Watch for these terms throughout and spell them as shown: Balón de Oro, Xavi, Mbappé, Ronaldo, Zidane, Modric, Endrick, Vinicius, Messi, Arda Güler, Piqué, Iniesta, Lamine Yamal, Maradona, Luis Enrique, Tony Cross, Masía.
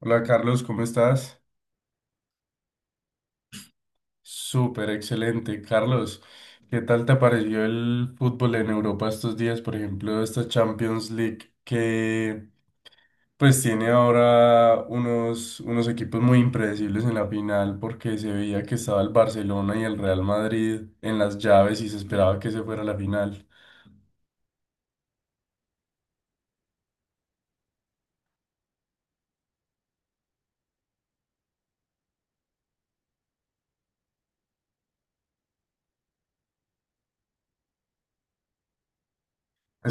Hola Carlos, ¿cómo estás? Súper excelente. Carlos, ¿qué tal te pareció el fútbol en Europa estos días? Por ejemplo, esta Champions League que pues tiene ahora unos equipos muy impredecibles en la final porque se veía que estaba el Barcelona y el Real Madrid en las llaves y se esperaba que se fuera a la final.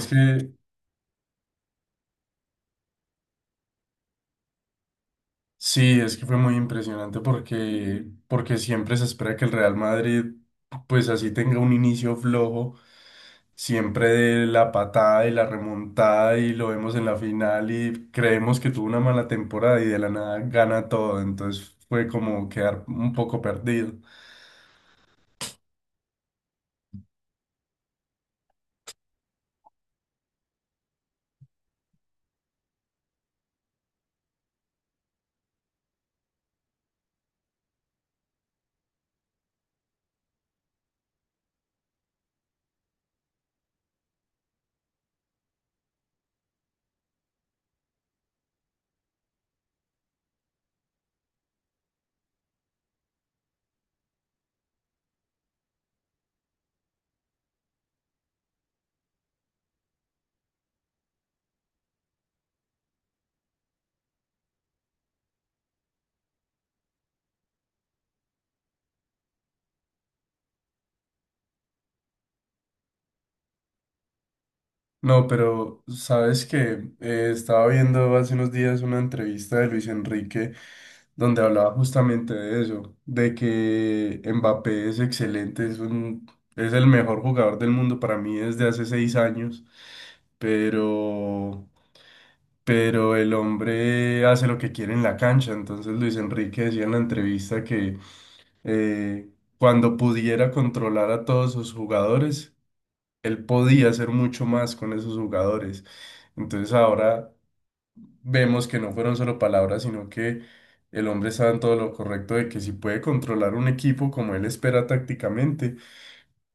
Es que Sí, es que fue muy impresionante porque siempre se espera que el Real Madrid, pues así tenga un inicio flojo, siempre de la patada y la remontada y lo vemos en la final y creemos que tuvo una mala temporada y de la nada gana todo, entonces fue como quedar un poco perdido. No, pero sabes que estaba viendo hace unos días una entrevista de Luis Enrique donde hablaba justamente de eso, de que Mbappé es excelente, es el mejor jugador del mundo para mí desde hace 6 años, pero, pero el hombre hace lo que quiere en la cancha. Entonces Luis Enrique decía en la entrevista que eh, cuando pudiera controlar a todos sus jugadores él podía hacer mucho más con esos jugadores. Entonces ahora vemos que no fueron solo palabras, sino que el hombre estaba en todo lo correcto de que si puede controlar un equipo como él espera tácticamente,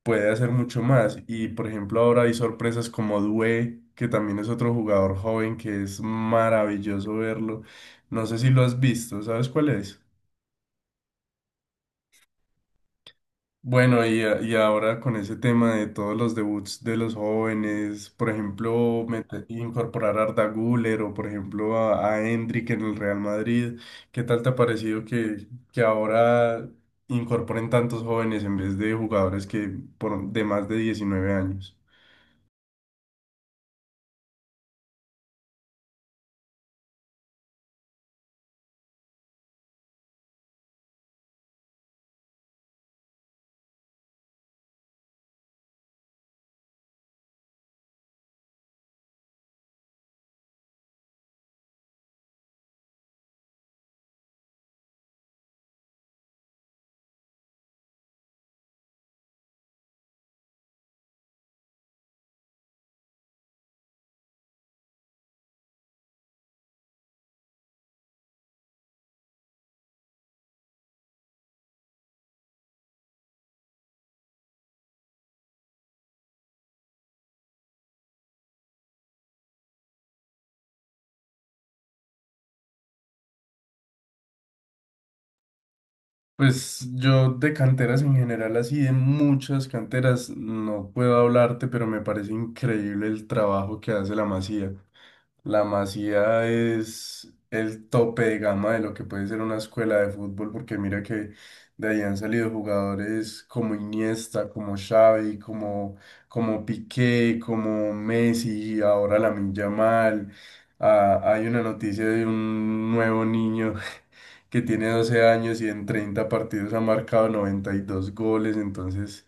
puede hacer mucho más. Y por ejemplo ahora hay sorpresas como Due, que también es otro jugador joven que es maravilloso verlo. No sé si lo has visto, ¿sabes cuál es? Bueno, y ahora con ese tema de todos los debuts de los jóvenes, por ejemplo, incorporar a Arda Güler o por ejemplo a Endrick en el Real Madrid, ¿qué tal te ha parecido que ahora incorporen tantos jóvenes en vez de jugadores que por, de más de 19 años? Pues yo de canteras en general, así de muchas canteras, no puedo hablarte, pero me parece increíble el trabajo que hace la Masía. La Masía es el tope de gama de lo que puede ser una escuela de fútbol, porque mira que de ahí han salido jugadores como Iniesta, como Xavi, como Piqué, como Messi, ahora Lamine Yamal. Ah, hay una noticia de un nuevo niño que tiene 12 años y en 30 partidos ha marcado 92 goles, entonces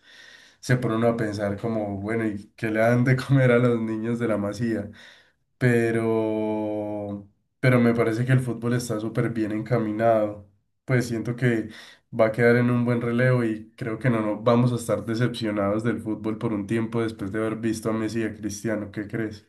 se pone uno a pensar como, bueno, ¿y qué le dan de comer a los niños de la Masía? pero, pero me parece que el fútbol está súper bien encaminado. Pues siento que va a quedar en un buen relevo y creo que no nos vamos a estar decepcionados del fútbol por un tiempo después de haber visto a Messi y a Cristiano. ¿Qué crees?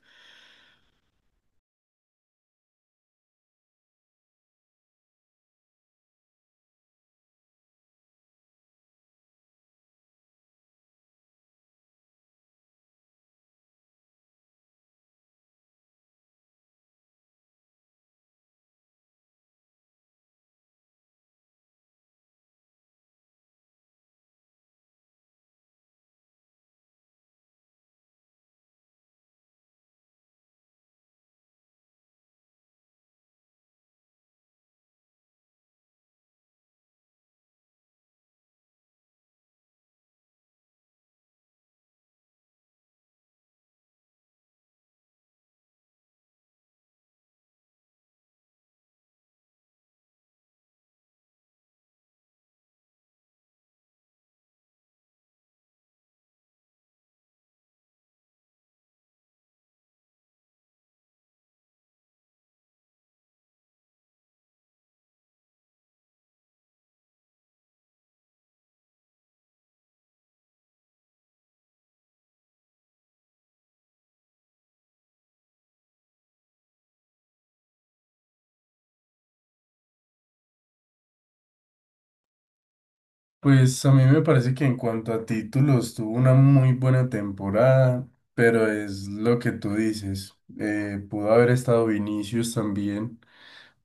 Pues a mí me parece que en cuanto a títulos tuvo una muy buena temporada, pero es lo que tú dices. Pudo haber estado Vinicius también,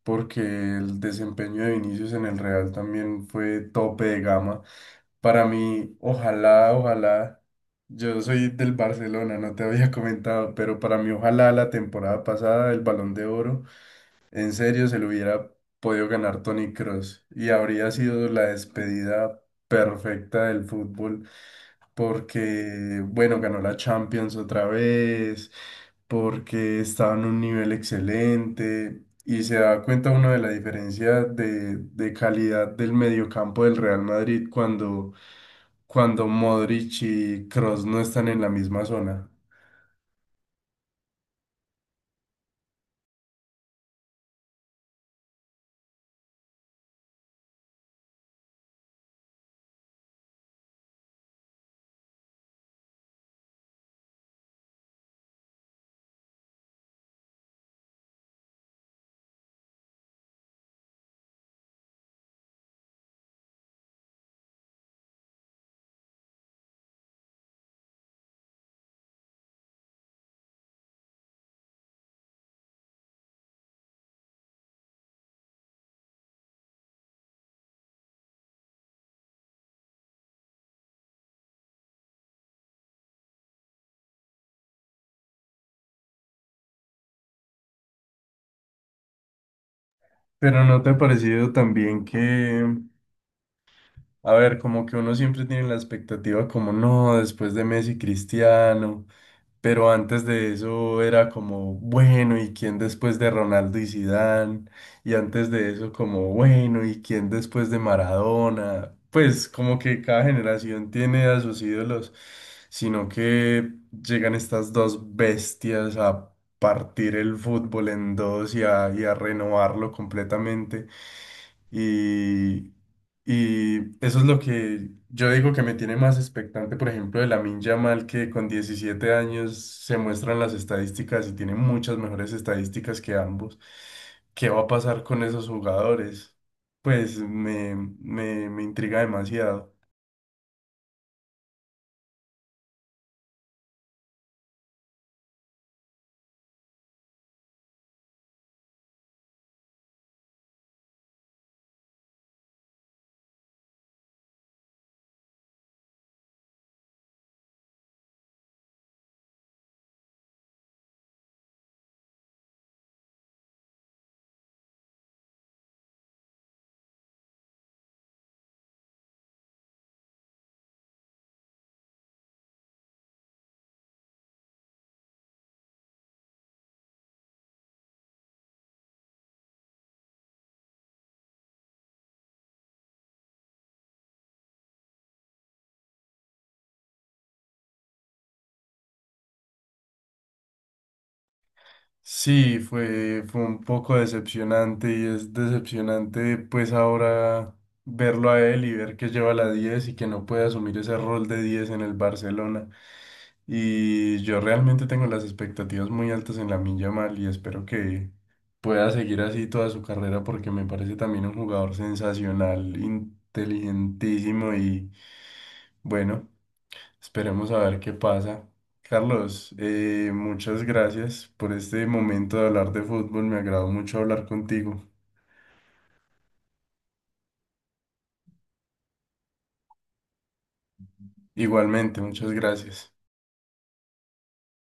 porque el desempeño de Vinicius en el Real también fue tope de gama. Para mí, ojalá, ojalá, yo soy del Barcelona, no te había comentado, pero para mí, ojalá la temporada pasada el Balón de Oro en serio, se lo hubiera podido ganar Tony Cross y habría sido la despedida perfecta del fútbol porque, bueno, ganó la Champions otra vez, porque estaba en un nivel excelente y se da cuenta uno de la diferencia de calidad del mediocampo del Real Madrid cuando Modric y Cross no están en la misma zona. Pero ¿no te ha parecido también que... A ver, como que uno siempre tiene la expectativa como no, después de Messi Cristiano, pero antes de eso era como bueno, ¿y quién después de Ronaldo y Zidane? Y antes de eso como bueno, ¿y quién después de Maradona? Pues como que cada generación tiene a sus ídolos, sino que llegan estas dos bestias a partir el fútbol en dos y y a renovarlo completamente. Y, y eso es lo que yo digo que me tiene más expectante, por ejemplo, de Lamine Yamal, que con 17 años se muestran las estadísticas y tiene muchas mejores estadísticas que ambos. ¿Qué va a pasar con esos jugadores? Pues me intriga demasiado. Sí, fue un poco decepcionante y es decepcionante pues ahora verlo a él y ver que lleva la 10 y que no puede asumir ese rol de 10 en el Barcelona. Y yo realmente tengo las expectativas muy altas en la Yamal y espero que pueda seguir así toda su carrera porque me parece también un jugador sensacional, inteligentísimo y bueno. Esperemos a ver qué pasa. Carlos, muchas gracias por este momento de hablar de fútbol. Me agradó mucho hablar contigo. Igualmente, muchas gracias.